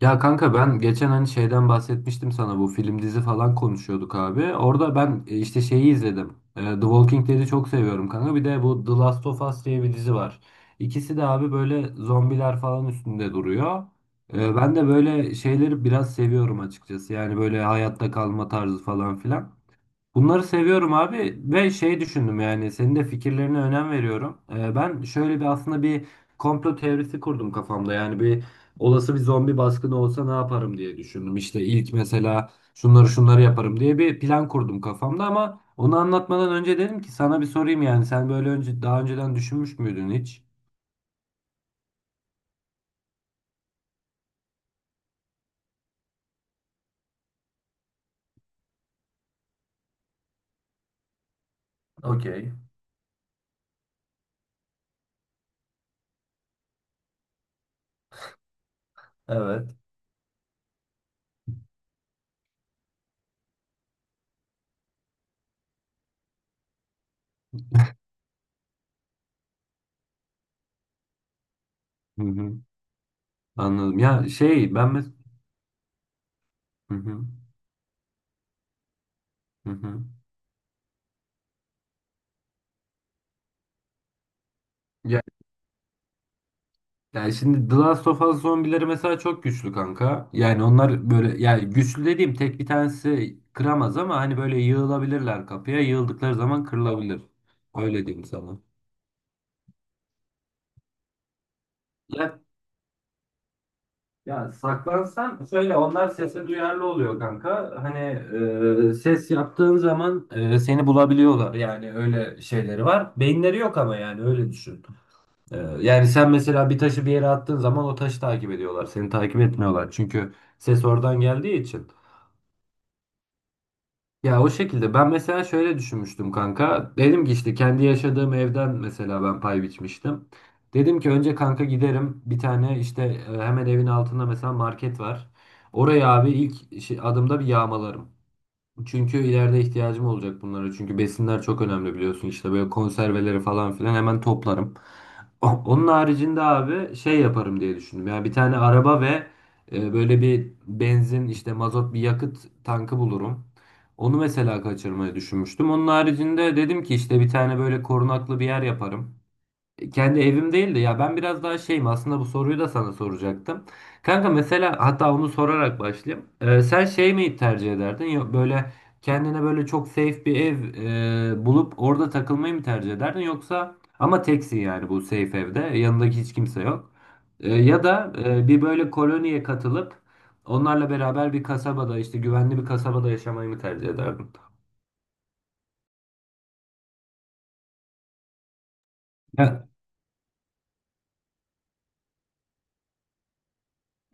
Ya kanka ben geçen hani şeyden bahsetmiştim sana bu film dizi falan konuşuyorduk abi. Orada ben işte şeyi izledim. The Walking Dead'i çok seviyorum kanka. Bir de bu The Last of Us diye bir dizi var. İkisi de abi böyle zombiler falan üstünde duruyor. Ben de böyle şeyleri biraz seviyorum açıkçası. Yani böyle hayatta kalma tarzı falan filan. Bunları seviyorum abi ve şey düşündüm yani senin de fikirlerine önem veriyorum. Ben şöyle aslında bir komplo teorisi kurdum kafamda. Yani bir olası bir zombi baskını olsa ne yaparım diye düşündüm. İşte ilk mesela şunları yaparım diye bir plan kurdum kafamda ama onu anlatmadan önce dedim ki sana bir sorayım yani sen böyle önce daha önceden düşünmüş müydün hiç? Okey. Evet. Hı hı. Anladım. Ya şey ben hı hı. Hı hı. Yani şimdi The Last of Us zombileri mesela çok güçlü kanka. Yani onlar böyle yani güçlü dediğim tek bir tanesi kıramaz ama hani böyle yığılabilirler kapıya. Yığıldıkları zaman kırılabilir. Öyle diyeyim sana. Ya, ya saklansan şöyle onlar sese duyarlı oluyor kanka. Hani ses yaptığın zaman seni bulabiliyorlar. Yani öyle şeyleri var. Beyinleri yok ama yani öyle düşün. Yani sen mesela bir taşı bir yere attığın zaman o taşı takip ediyorlar. Seni takip etmiyorlar. Çünkü ses oradan geldiği için. Ya o şekilde ben mesela şöyle düşünmüştüm kanka. Dedim ki işte kendi yaşadığım evden mesela ben pay biçmiştim. Dedim ki önce kanka giderim bir tane işte hemen evin altında mesela market var. Oraya abi ilk adımda bir yağmalarım. Çünkü ileride ihtiyacım olacak bunlara. Çünkü besinler çok önemli biliyorsun. İşte böyle konserveleri falan filan hemen toplarım. Onun haricinde abi şey yaparım diye düşündüm. Yani bir tane araba ve böyle bir benzin işte mazot bir yakıt tankı bulurum. Onu mesela kaçırmayı düşünmüştüm. Onun haricinde dedim ki işte bir tane böyle korunaklı bir yer yaparım. Kendi evim değil de ya ben biraz daha şeyim aslında bu soruyu da sana soracaktım. Kanka mesela hatta onu sorarak başlayayım. Sen şey mi tercih ederdin yok böyle kendine böyle çok safe bir ev bulup orada takılmayı mı tercih ederdin yoksa ama teksin yani bu safe evde yanındaki hiç kimse yok. Ya da bir böyle koloniye katılıp onlarla beraber bir kasabada işte güvenli bir kasabada yaşamayı mı tercih ederdin? Ya.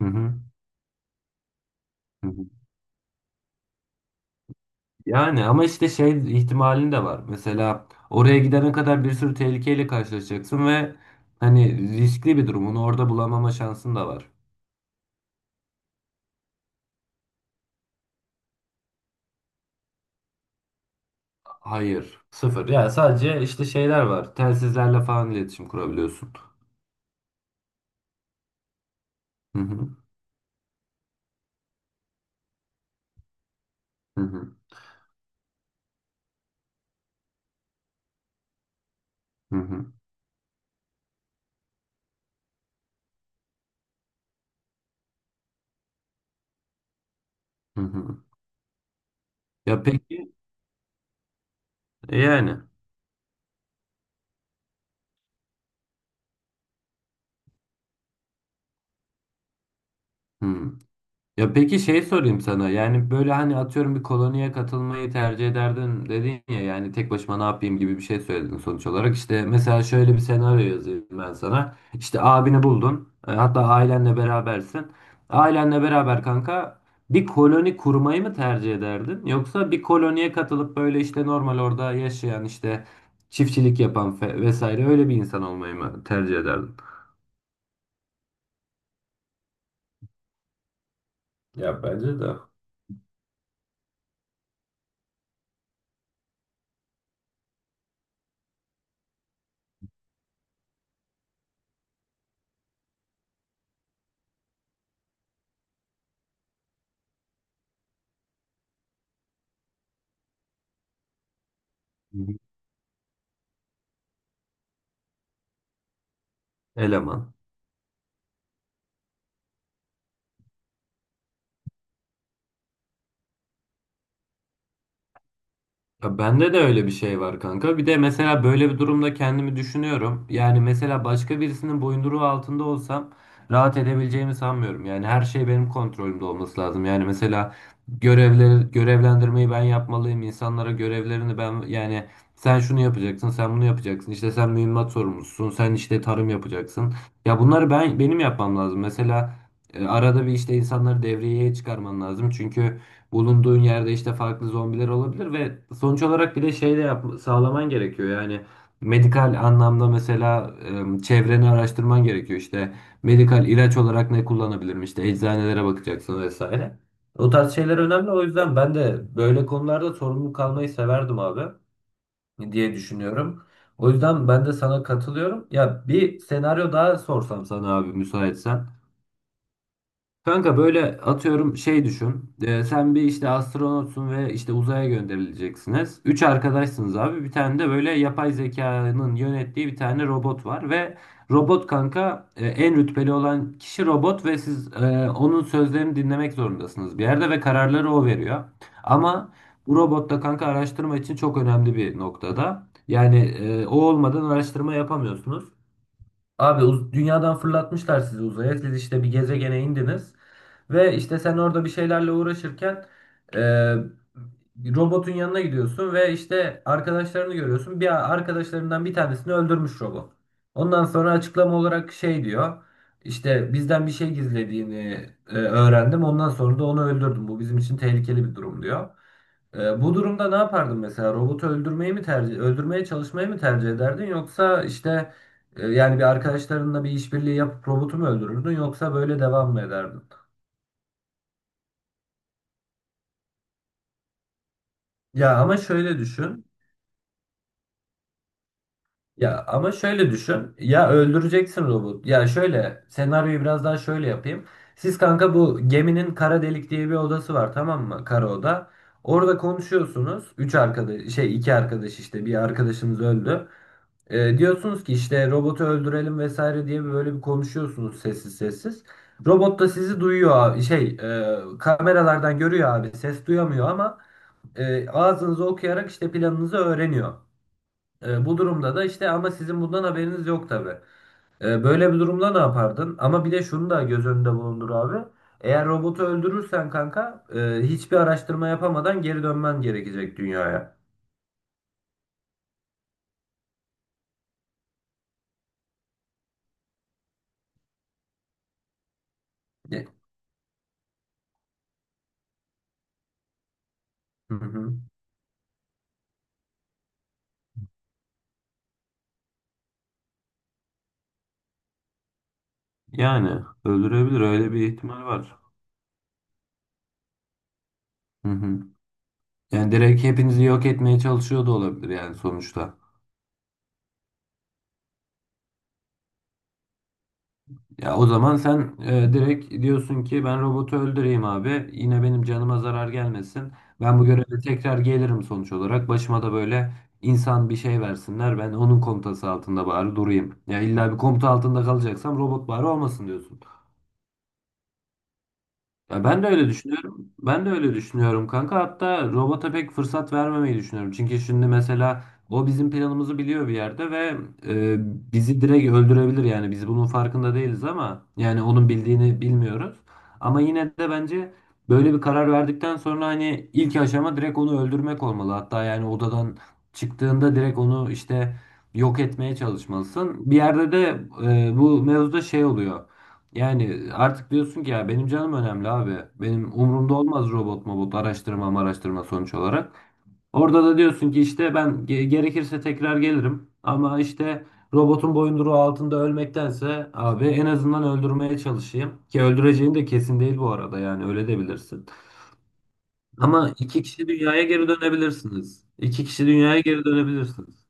Hı hı. Hı hı. Yani ama işte şey ihtimalin de var. Mesela oraya gidene kadar bir sürü tehlikeyle karşılaşacaksın ve hani riskli bir durum. Onu orada bulamama şansın da var. Hayır. Sıfır. Ya sadece işte şeyler var. Telsizlerle falan iletişim kurabiliyorsun. Hı hı. Hı hı. Hı hı. Hı hı. Ya peki e yani. Hı. Ya peki şey sorayım sana. Yani böyle hani atıyorum bir koloniye katılmayı tercih ederdim dedin ya yani tek başıma ne yapayım gibi bir şey söyledin sonuç olarak. İşte mesela şöyle bir senaryo yazayım ben sana. İşte abini buldun. Hatta ailenle berabersin. Ailenle beraber kanka bir koloni kurmayı mı tercih ederdin? Yoksa bir koloniye katılıp böyle işte normal orada yaşayan işte çiftçilik yapan vesaire öyle bir insan olmayı mı tercih ederdin? Ya bence de Hı hı. Eleman. Ya bende de öyle bir şey var kanka. Bir de mesela böyle bir durumda kendimi düşünüyorum. Yani mesela başka birisinin boyunduruğu altında olsam rahat edebileceğimi sanmıyorum. Yani her şey benim kontrolümde olması lazım. Yani mesela görevleri, görevlendirmeyi ben yapmalıyım. İnsanlara görevlerini ben yani sen şunu yapacaksın, sen bunu yapacaksın. İşte sen mühimmat sorumlusun, sen işte tarım yapacaksın. Ya bunları benim yapmam lazım. Mesela arada bir işte insanları devreye çıkarman lazım. Çünkü bulunduğun yerde işte farklı zombiler olabilir ve sonuç olarak bir de şey de yap sağlaman gerekiyor. Yani medikal anlamda mesela çevreni araştırman gerekiyor. İşte medikal ilaç olarak ne kullanabilirim? İşte eczanelere bakacaksın vesaire. O tarz şeyler önemli. O yüzden ben de böyle konularda sorumlu kalmayı severdim abi diye düşünüyorum. O yüzden ben de sana katılıyorum. Ya bir senaryo daha sorsam sana abi müsaitsen. Kanka böyle atıyorum şey düşün. Sen bir işte astronotsun ve işte uzaya gönderileceksiniz. Üç arkadaşsınız abi. Bir tane de böyle yapay zekanın yönettiği bir tane robot var ve robot kanka en rütbeli olan kişi robot ve siz onun sözlerini dinlemek zorundasınız bir yerde ve kararları o veriyor. Ama bu robot da kanka araştırma için çok önemli bir noktada. Yani o olmadan araştırma yapamıyorsunuz. Abi dünyadan fırlatmışlar sizi uzaya. Siz işte bir gezegene indiniz ve işte sen orada bir şeylerle uğraşırken e, robotun yanına gidiyorsun ve işte arkadaşlarını görüyorsun. Bir arkadaşlarından bir tanesini öldürmüş robot. Ondan sonra açıklama olarak şey diyor. İşte bizden bir şey gizlediğini öğrendim. Ondan sonra da onu öldürdüm. Bu bizim için tehlikeli bir durum diyor. Bu durumda ne yapardın mesela? Robotu öldürmeyi mi tercih, öldürmeye çalışmayı mı tercih ederdin yoksa işte yani bir arkadaşlarınla bir işbirliği yapıp robotu mu öldürürdün yoksa böyle devam mı ederdin? Ya ama şöyle düşün. Ya ama şöyle düşün. Ya öldüreceksin robot. Ya şöyle senaryoyu biraz daha şöyle yapayım. Siz kanka bu geminin kara delik diye bir odası var tamam mı? Kara oda. Orada konuşuyorsunuz. Üç arkadaş şey iki arkadaş işte bir arkadaşınız öldü. Diyorsunuz ki işte robotu öldürelim vesaire diye böyle bir konuşuyorsunuz sessiz sessiz. Robot da sizi duyuyor abi. Şey, kameralardan görüyor abi. Ses duyamıyor ama ağzınızı okuyarak işte planınızı öğreniyor. Bu durumda da işte ama sizin bundan haberiniz yok tabii. Böyle bir durumda ne yapardın? Ama bir de şunu da göz önünde bulundur abi. Eğer robotu öldürürsen kanka hiçbir araştırma yapamadan geri dönmen gerekecek dünyaya. E, Hı hı. Yani öldürebilir öyle bir ihtimal var. Hı hı. Yani direkt hepinizi yok etmeye çalışıyor da olabilir yani sonuçta. Ya o zaman sen direkt diyorsun ki ben robotu öldüreyim abi. Yine benim canıma zarar gelmesin. Ben bu göreve tekrar gelirim sonuç olarak. Başıma da böyle insan bir şey versinler. Ben onun komutası altında bari durayım. Ya illa bir komuta altında kalacaksam robot bari olmasın diyorsun. Ya ben de öyle düşünüyorum. Ben de öyle düşünüyorum kanka. Hatta robota pek fırsat vermemeyi düşünüyorum. Çünkü şimdi mesela o bizim planımızı biliyor bir yerde ve e, bizi direkt öldürebilir yani. Biz bunun farkında değiliz ama yani onun bildiğini bilmiyoruz. Ama yine de bence böyle bir karar verdikten sonra hani ilk aşama direkt onu öldürmek olmalı. Hatta yani odadan çıktığında direkt onu işte yok etmeye çalışmalısın. Bir yerde de bu mevzuda şey oluyor. Yani artık diyorsun ki ya benim canım önemli abi. Benim umurumda olmaz robot mobot araştırma araştırma sonuç olarak. Orada da diyorsun ki işte ben gerekirse tekrar gelirim. Ama işte robotun boyunduruğu altında ölmektense abi en azından öldürmeye çalışayım. Ki öldüreceğin de kesin değil bu arada yani öyle de bilirsin. Ama iki kişi dünyaya geri dönebilirsiniz. İki kişi dünyaya geri dönebilirsiniz.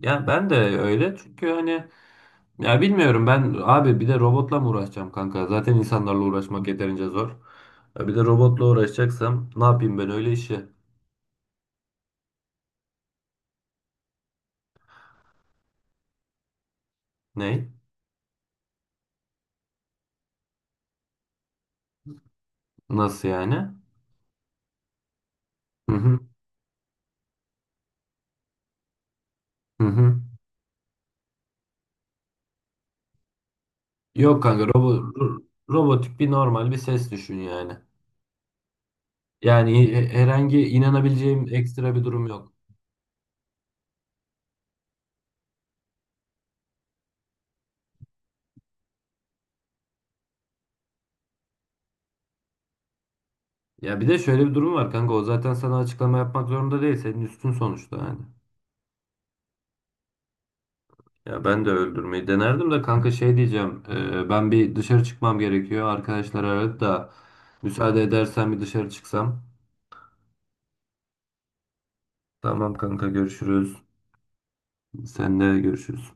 Ya ben de öyle çünkü hani Ya bilmiyorum ben abi bir de robotla mı uğraşacağım kanka? Zaten insanlarla uğraşmak yeterince zor. Ya Bir de robotla uğraşacaksam ne yapayım ben öyle işi? Ne? Nasıl yani? Hı hı. Hı hı. Yok kanka robotik bir normal bir ses düşün yani. Yani herhangi inanabileceğim ekstra bir durum yok. Ya bir de şöyle bir durum var kanka o zaten sana açıklama yapmak zorunda değil senin üstün sonuçta yani. Ya ben de öldürmeyi denerdim de kanka şey diyeceğim. Ben bir dışarı çıkmam gerekiyor. Arkadaşlar aradı da müsaade edersen bir dışarı çıksam. Tamam kanka görüşürüz. Sen de görüşürüz.